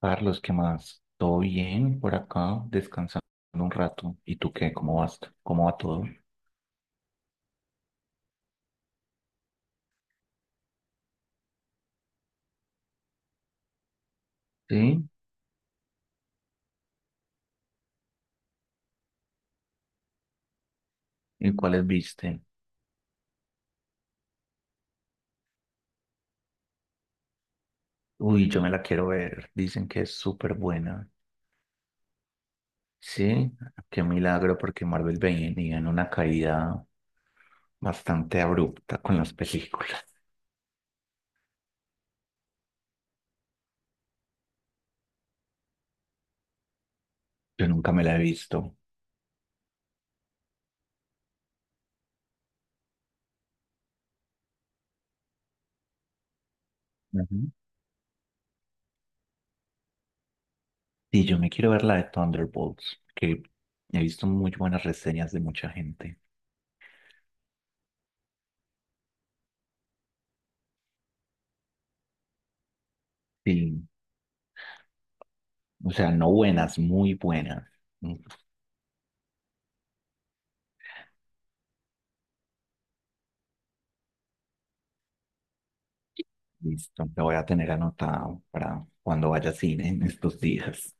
Carlos, ¿qué más? ¿Todo bien por acá? Descansando un rato. ¿Y tú qué? ¿Cómo vas? ¿Cómo va todo? ¿Sí? ¿Y cuáles viste? Uy, yo me la quiero ver. Dicen que es súper buena. Sí, qué milagro porque Marvel venía en una caída bastante abrupta con las películas. Yo nunca me la he visto. Ujú. Y yo me quiero ver la de Thunderbolts, que he visto muy buenas reseñas de mucha gente. Sí, o sea, no buenas, muy buenas. Listo, lo voy a tener anotado para cuando vaya al cine en estos días.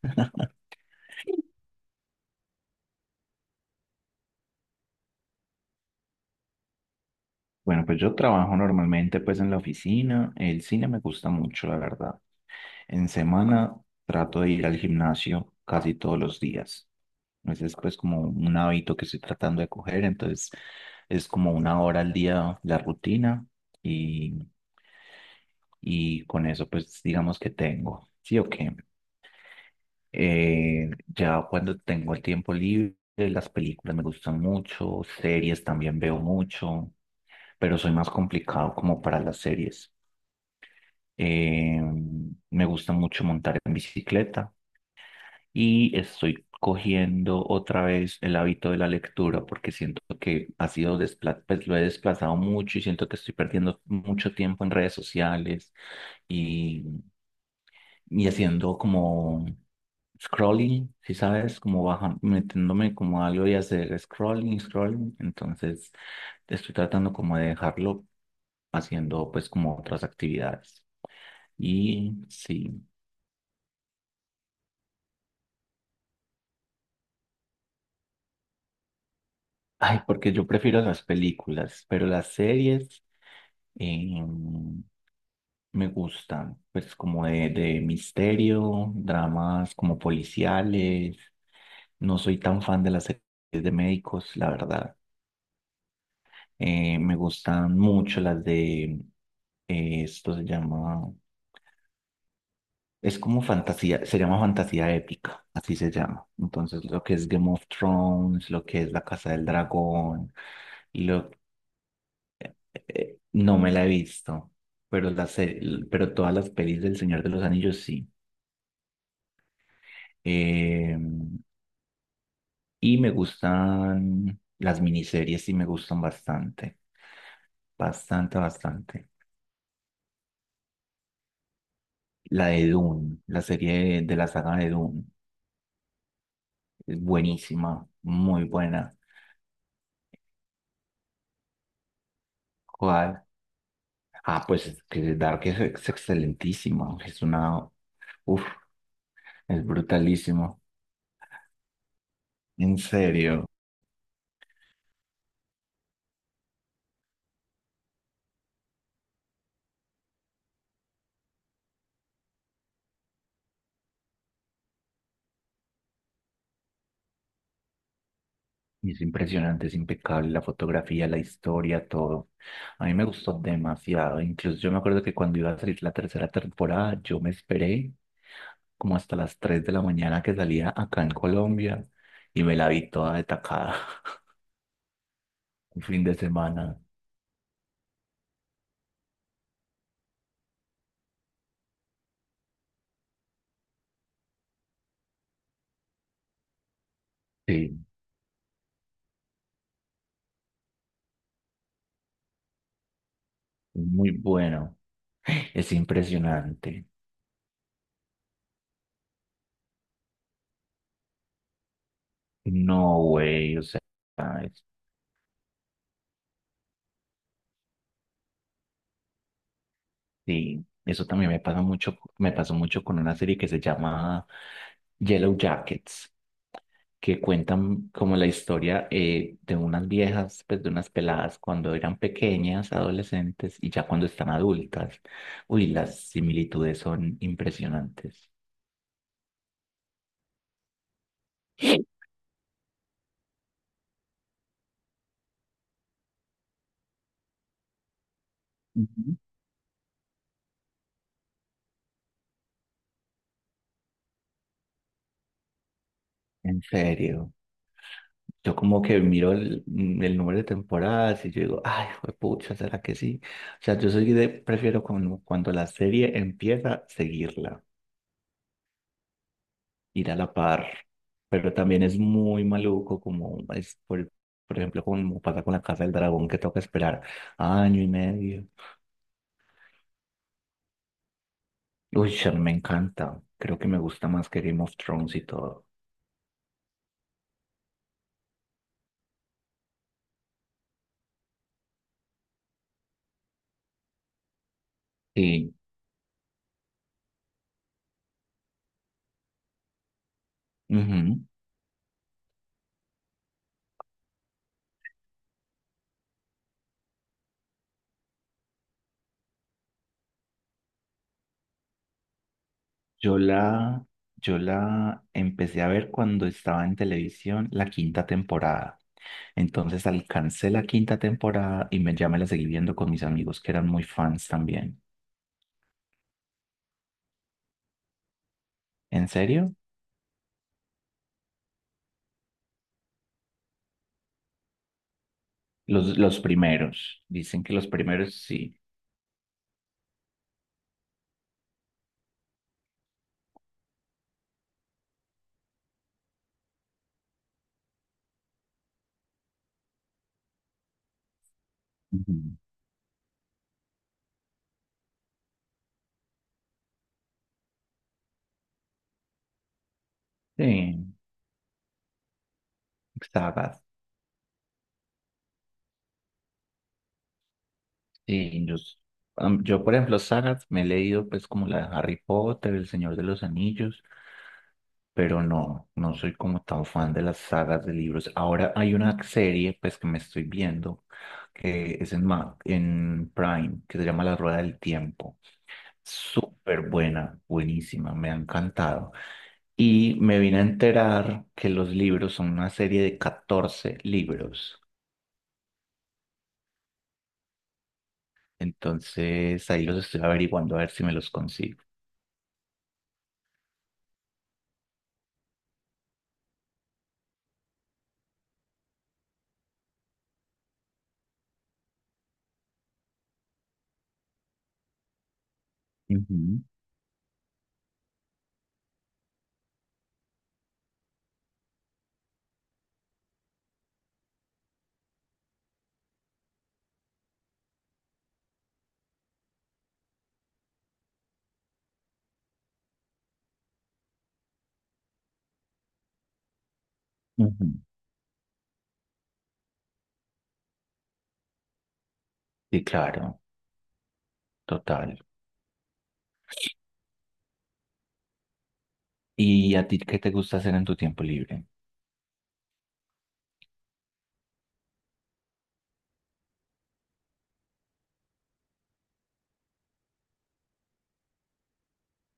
Bueno, pues yo trabajo normalmente pues en la oficina. El cine me gusta mucho, la verdad. En semana trato de ir al gimnasio casi todos los días. Ese es pues como un hábito que estoy tratando de coger. Entonces es como una hora al día la rutina y, y con eso pues digamos que tengo. ¿Sí o qué? Ya cuando tengo el tiempo libre, las películas me gustan mucho, series también veo mucho, pero soy más complicado como para las series. Eh, me gusta mucho montar en bicicleta y estoy cogiendo otra vez el hábito de la lectura porque siento que ha sido pues lo he desplazado mucho y siento que estoy perdiendo mucho tiempo en redes sociales y haciendo como scrolling, si sabes, como bajando, metiéndome como a algo y hacer scrolling, scrolling. Entonces estoy tratando como de dejarlo haciendo pues como otras actividades. Y sí, ay, porque yo prefiero las películas, pero las series eh, me gustan, pues como de misterio, dramas como policiales. No soy tan fan de las series de médicos, la verdad. Me gustan mucho las de esto se llama, es como fantasía, se llama fantasía épica, así se llama. Entonces, lo que es Game of Thrones, lo que es La Casa del Dragón, y lo, no me la he visto, pero, pero todas las pelis del Señor de los Anillos sí. Eh, y me gustan las miniseries, sí me gustan bastante, bastante, bastante. La de Dune, la serie de la saga de Dune. Es buenísima, muy buena. ¿Cuál? Ah, pues es que Dark es excelentísima. Es una. Uf, es brutalísimo. En serio. Es impresionante, es impecable la fotografía, la historia, todo. A mí me gustó demasiado. Incluso yo me acuerdo que cuando iba a salir la tercera temporada, yo me esperé como hasta las 3 de la mañana que salía acá en Colombia y me la vi toda de tacada. Un fin de semana. Sí. Muy bueno. Es impresionante. No, güey, o sea, es- sí, eso también me pasa mucho, me pasó mucho con una serie que se llama Yellow Jackets, que cuentan como la historia de unas viejas, pues de unas peladas cuando eran pequeñas, adolescentes y ya cuando están adultas. Uy, las similitudes son impresionantes. Ujú. En serio. Yo como que miro el, el número de temporadas y yo digo, ay, pucha, ¿será que sí? O sea, yo soy de, prefiero cuando, cuando la serie empieza, seguirla, ir a la par. Pero también es muy maluco, como es, por ejemplo, como pasa con la Casa del Dragón, que toca esperar año y medio. Uy, a mí me encanta. Creo que me gusta más que Game of Thrones y todo. Sí. Ujú. Yo la, yo la empecé a ver cuando estaba en televisión la quinta temporada. Entonces alcancé la quinta temporada y me, ya me la seguí viendo con mis amigos que eran muy fans también. ¿En serio? Los primeros. Dicen que los primeros sí. Ujú. Sí, sagas. Sí, yo, s- yo, por ejemplo, sagas me he leído pues como la de Harry Potter, El Señor de los Anillos, pero no, no soy como tan fan de las sagas de libros. Ahora hay una serie, pues, que me estoy viendo, que es en, en Prime, que se llama La Rueda del Tiempo. Súper buena, buenísima, me ha encantado. Y me vine a enterar que los libros son una serie de 14 libros. Entonces, ahí los estoy averiguando a ver si me los consigo. Ujú, ujú. Sí, claro, total. ¿Y a ti qué te gusta hacer en tu tiempo libre?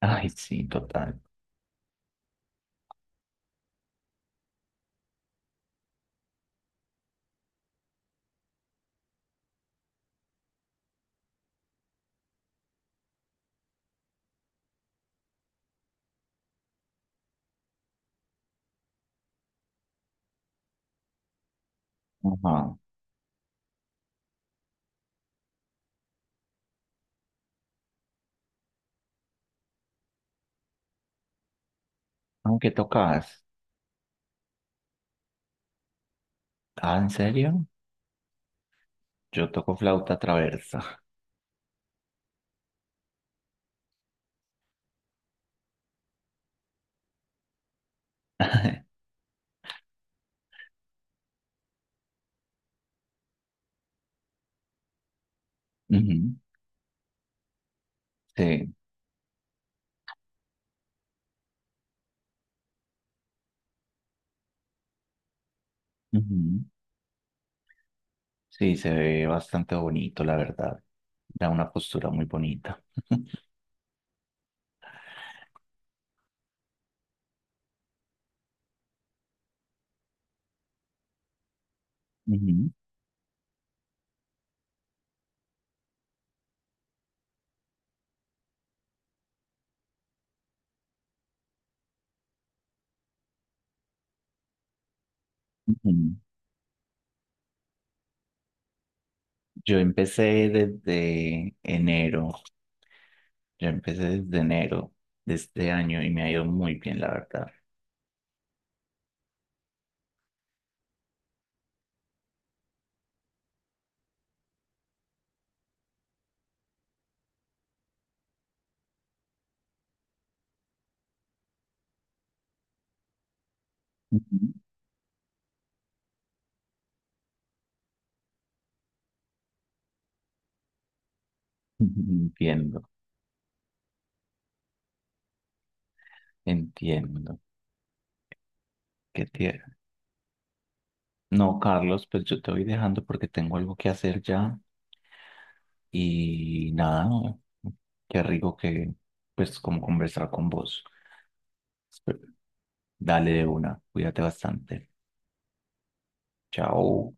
Ay, sí, total. Ajá. Aunque tocas. Ah, ¿en serio? Yo toco flauta traversa. Ujú, sí. Ujú. Sí, se ve bastante bonito, la verdad. Da una postura muy bonita. Ujú, ujú. Yo empecé desde enero. Yo empecé desde enero de este año y me ha ido muy bien, la verdad. Ujú. Ujú, entiendo, entiendo. Qué tierno. No, Carlos, pues yo te voy dejando porque tengo algo que hacer ya. Y nada, qué rico que, pues, como conversar con vos. Dale de una, cuídate bastante. Chao.